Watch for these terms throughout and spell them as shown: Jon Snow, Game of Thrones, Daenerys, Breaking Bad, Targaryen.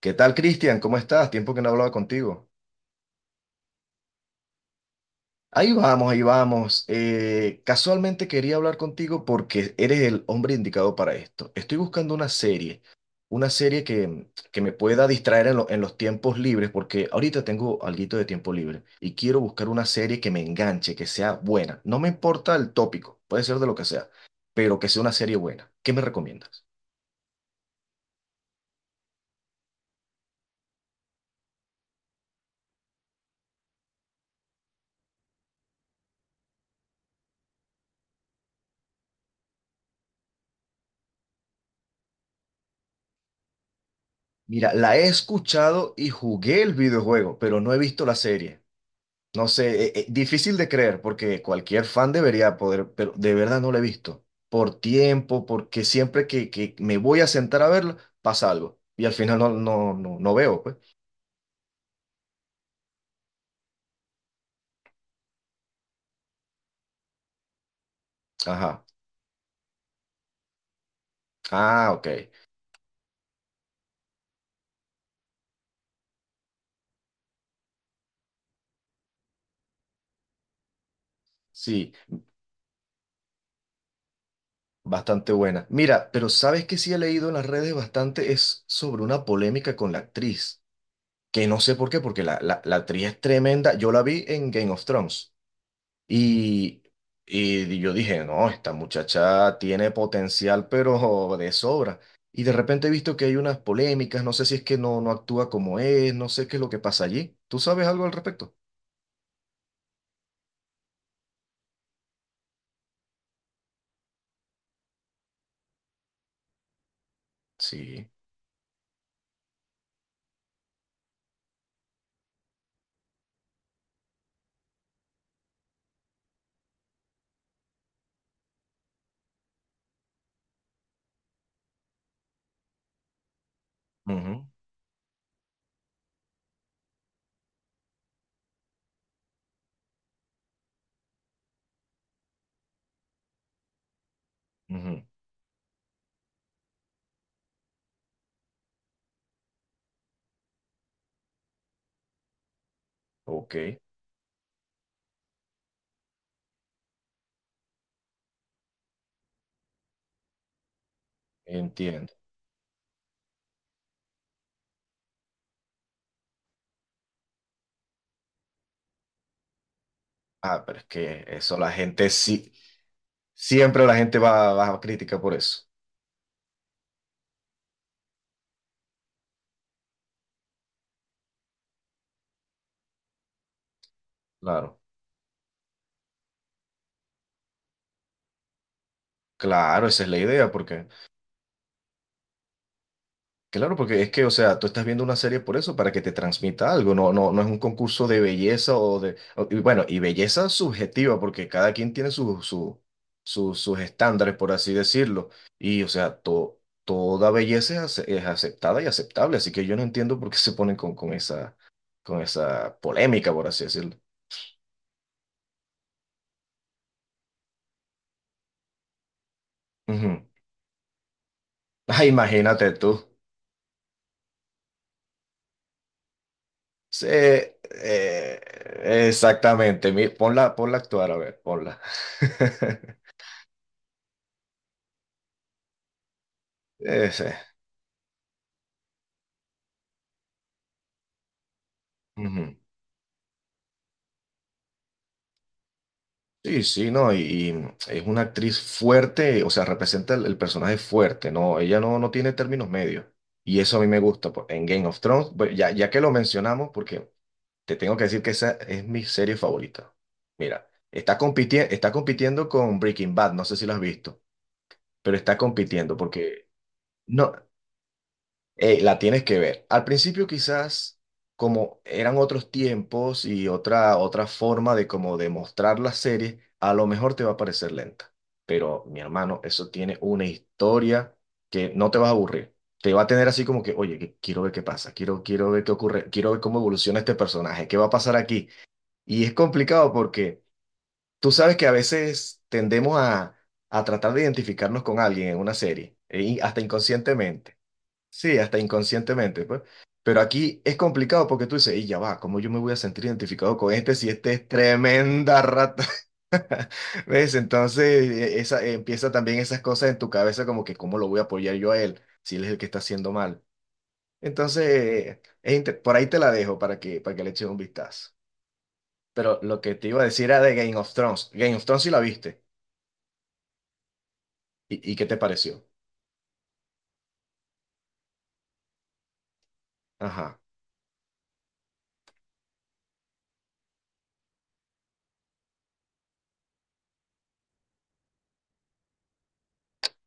¿Qué tal, Cristian? ¿Cómo estás? Tiempo que no hablaba contigo. Ahí vamos, ahí vamos. Casualmente quería hablar contigo porque eres el hombre indicado para esto. Estoy buscando una serie que me pueda distraer en los tiempos libres, porque ahorita tengo alguito de tiempo libre y quiero buscar una serie que me enganche, que sea buena. No me importa el tópico, puede ser de lo que sea, pero que sea una serie buena. ¿Qué me recomiendas? Mira, la he escuchado y jugué el videojuego, pero no he visto la serie. No sé, difícil de creer porque cualquier fan debería poder, pero de verdad no lo he visto. Por tiempo, porque siempre que me voy a sentar a verlo, pasa algo. Y al final no veo, pues. Ajá. Ah, ok. Sí, bastante buena. Mira, pero ¿sabes que sí he leído en las redes bastante? Es sobre una polémica con la actriz. Que no sé por qué, porque la actriz es tremenda. Yo la vi en Game of Thrones. Y, y yo dije, no, esta muchacha tiene potencial, pero de sobra. Y de repente he visto que hay unas polémicas, no sé si es que no actúa como es, no sé qué es lo que pasa allí. ¿Tú sabes algo al respecto? Sí. Ujú, ujú. Ok, entiendo. Ah, pero es que eso la gente sí, siempre la gente va a crítica por eso. Claro. Claro, esa es la idea, porque claro, porque es que, o sea, tú estás viendo una serie por eso, para que te transmita algo, no es un concurso de belleza o y bueno, y belleza subjetiva, porque cada quien tiene sus estándares, por así decirlo, y, o sea, toda belleza es aceptada y aceptable, así que yo no entiendo por qué se ponen con esa polémica, por así decirlo. Ujú. Ah, imagínate tú. Sí, exactamente, ponla, ponla a actuar, a ver, ponla. Ese. Ujú. Sí, sí, no, y es una actriz fuerte, o sea, representa el personaje fuerte, ¿no? Ella no tiene términos medios. Y eso a mí me gusta, pues. En Game of Thrones, pues, ya, ya que lo mencionamos, porque te tengo que decir que esa es mi serie favorita. Mira, está compitiendo con Breaking Bad, no sé si lo has visto, pero está compitiendo porque no. La tienes que ver. Al principio quizás como eran otros tiempos y otra forma de como demostrar la serie, a lo mejor te va a parecer lenta. Pero mi hermano, eso tiene una historia que no te vas a aburrir. Te va a tener así como que, oye, quiero ver qué pasa, quiero ver qué ocurre, quiero ver cómo evoluciona este personaje, qué va a pasar aquí. Y es complicado porque tú sabes que a veces tendemos a tratar de identificarnos con alguien en una serie, y hasta inconscientemente. Sí, hasta inconscientemente, pues. Pero aquí es complicado porque tú dices, y ya va, ¿cómo yo me voy a sentir identificado con este si este es tremenda rata? ¿Ves? Entonces esa, empieza también esas cosas en tu cabeza como que, ¿cómo lo voy a apoyar yo a él si él es el que está haciendo mal? Entonces, por ahí te la dejo para que le eches un vistazo. Pero lo que te iba a decir era de Game of Thrones. Game of Thrones sí la viste. ¿Y qué te pareció? Ajá.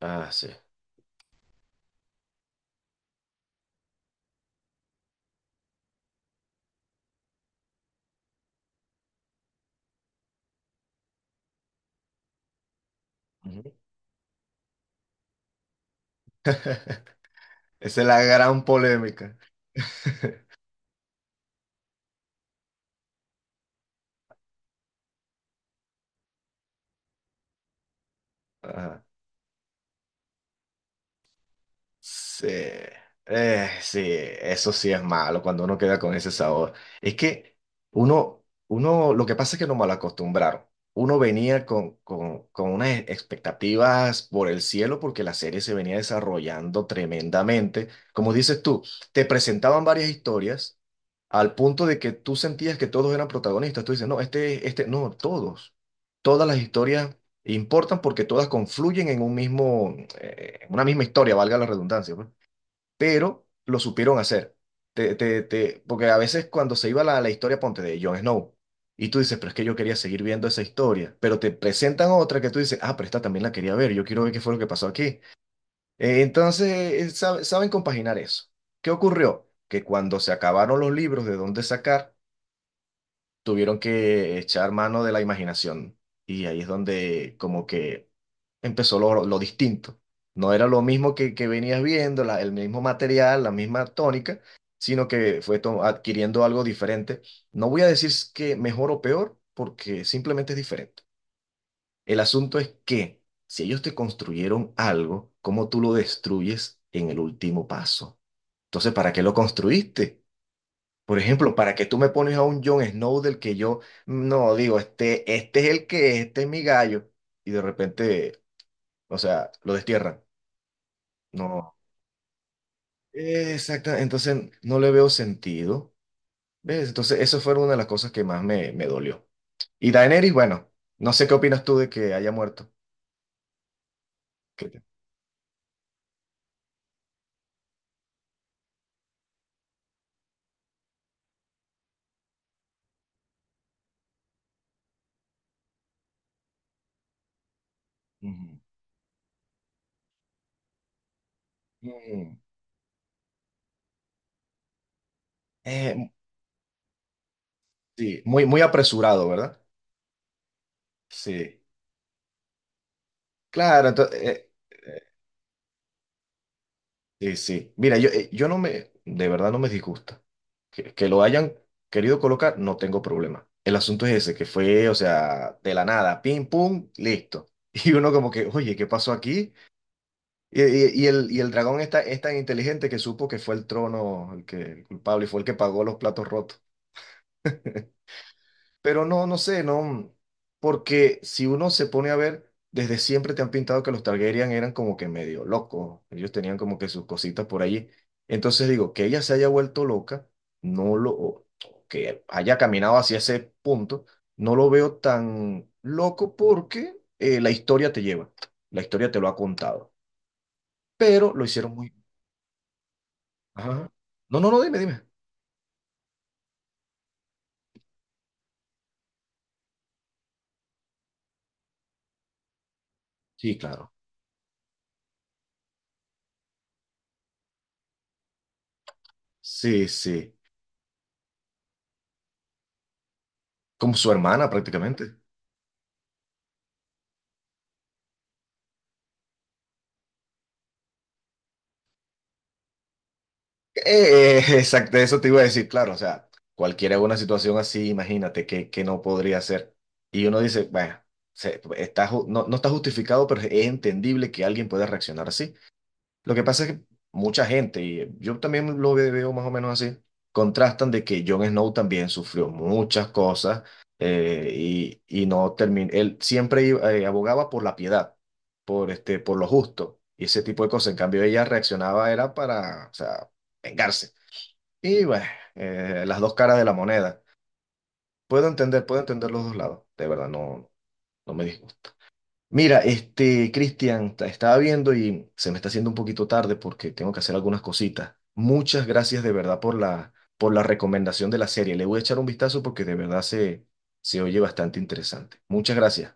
Ah, sí. Ujú. Esa es la gran polémica. Ajá. Sí, sí, eso sí es malo cuando uno queda con ese sabor. Es que lo que pasa es que nos malacostumbraron. Uno venía con unas expectativas por el cielo porque la serie se venía desarrollando tremendamente. Como dices tú, te presentaban varias historias al punto de que tú sentías que todos eran protagonistas. Tú dices, no, no, todos. Todas las historias importan porque todas confluyen en en una misma historia, valga la redundancia, pues. Pero lo supieron hacer. Porque a veces cuando se iba la historia, ponte de Jon Snow, y tú dices, pero es que yo quería seguir viendo esa historia, pero te presentan otra que tú dices, ah, pero esta también la quería ver, yo quiero ver qué fue lo que pasó aquí. Entonces, saben compaginar eso. ¿Qué ocurrió? Que cuando se acabaron los libros de dónde sacar, tuvieron que echar mano de la imaginación. Y ahí es donde como que empezó lo distinto. No era lo mismo que venías viendo, el mismo material, la misma tónica, sino que fue adquiriendo algo diferente. No voy a decir que mejor o peor, porque simplemente es diferente. El asunto es que si ellos te construyeron algo, ¿cómo tú lo destruyes en el último paso? Entonces, ¿para qué lo construiste? Por ejemplo, ¿para que tú me pones a un Jon Snow del que yo no digo, este es el que es, este es mi gallo? Y de repente, o sea, lo destierran. No. Exacto. Entonces no le veo sentido. ¿Ves? Entonces, eso fue una de las cosas que más me dolió. Y Daenerys, bueno, no sé qué opinas tú de que haya muerto. ¿Qué te- Ujú. Mm. Eh, sí, muy, muy apresurado, ¿verdad? Sí. Claro, entonces. Sí, sí. Mira, yo no me, de verdad no me disgusta. Que lo hayan querido colocar, no tengo problema. El asunto es ese, que fue, o sea, de la nada, pim, pum, listo. Y uno como que, oye, ¿qué pasó aquí? Y el dragón está, es tan inteligente que supo que fue el trono el culpable y fue el que pagó los platos rotos. Pero no, no sé, no, porque si uno se pone a ver, desde siempre te han pintado que los Targaryen eran como que medio locos, ellos tenían como que sus cositas por allí. Entonces digo, que ella se haya vuelto loca, no lo, o que haya caminado hacia ese punto, no lo veo tan loco porque la historia te lleva, la historia te lo ha contado, pero lo hicieron muy... Ajá. No, no, no, dime, dime. Sí, claro. Sí, sí, como su hermana prácticamente. Exacto, eso te iba a decir, claro, o sea, cualquiera una situación así, imagínate que no podría ser. Y uno dice, bueno, no, no está justificado, pero es entendible que alguien pueda reaccionar así. Lo que pasa es que mucha gente, y yo también lo veo más o menos así, contrastan de que Jon Snow también sufrió muchas cosas y no terminó, él siempre abogaba por la piedad, por lo justo y ese tipo de cosas. En cambio, ella reaccionaba era para, o sea, vengarse. Y bueno, las dos caras de la moneda. Puedo entender los dos lados. De verdad, no me disgusta. Mira, este, Cristian, estaba viendo y se me está haciendo un poquito tarde porque tengo que hacer algunas cositas. Muchas gracias de verdad por la recomendación de la serie. Le voy a echar un vistazo porque de verdad se oye bastante interesante. Muchas gracias.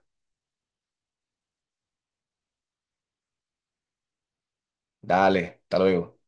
Dale, hasta luego.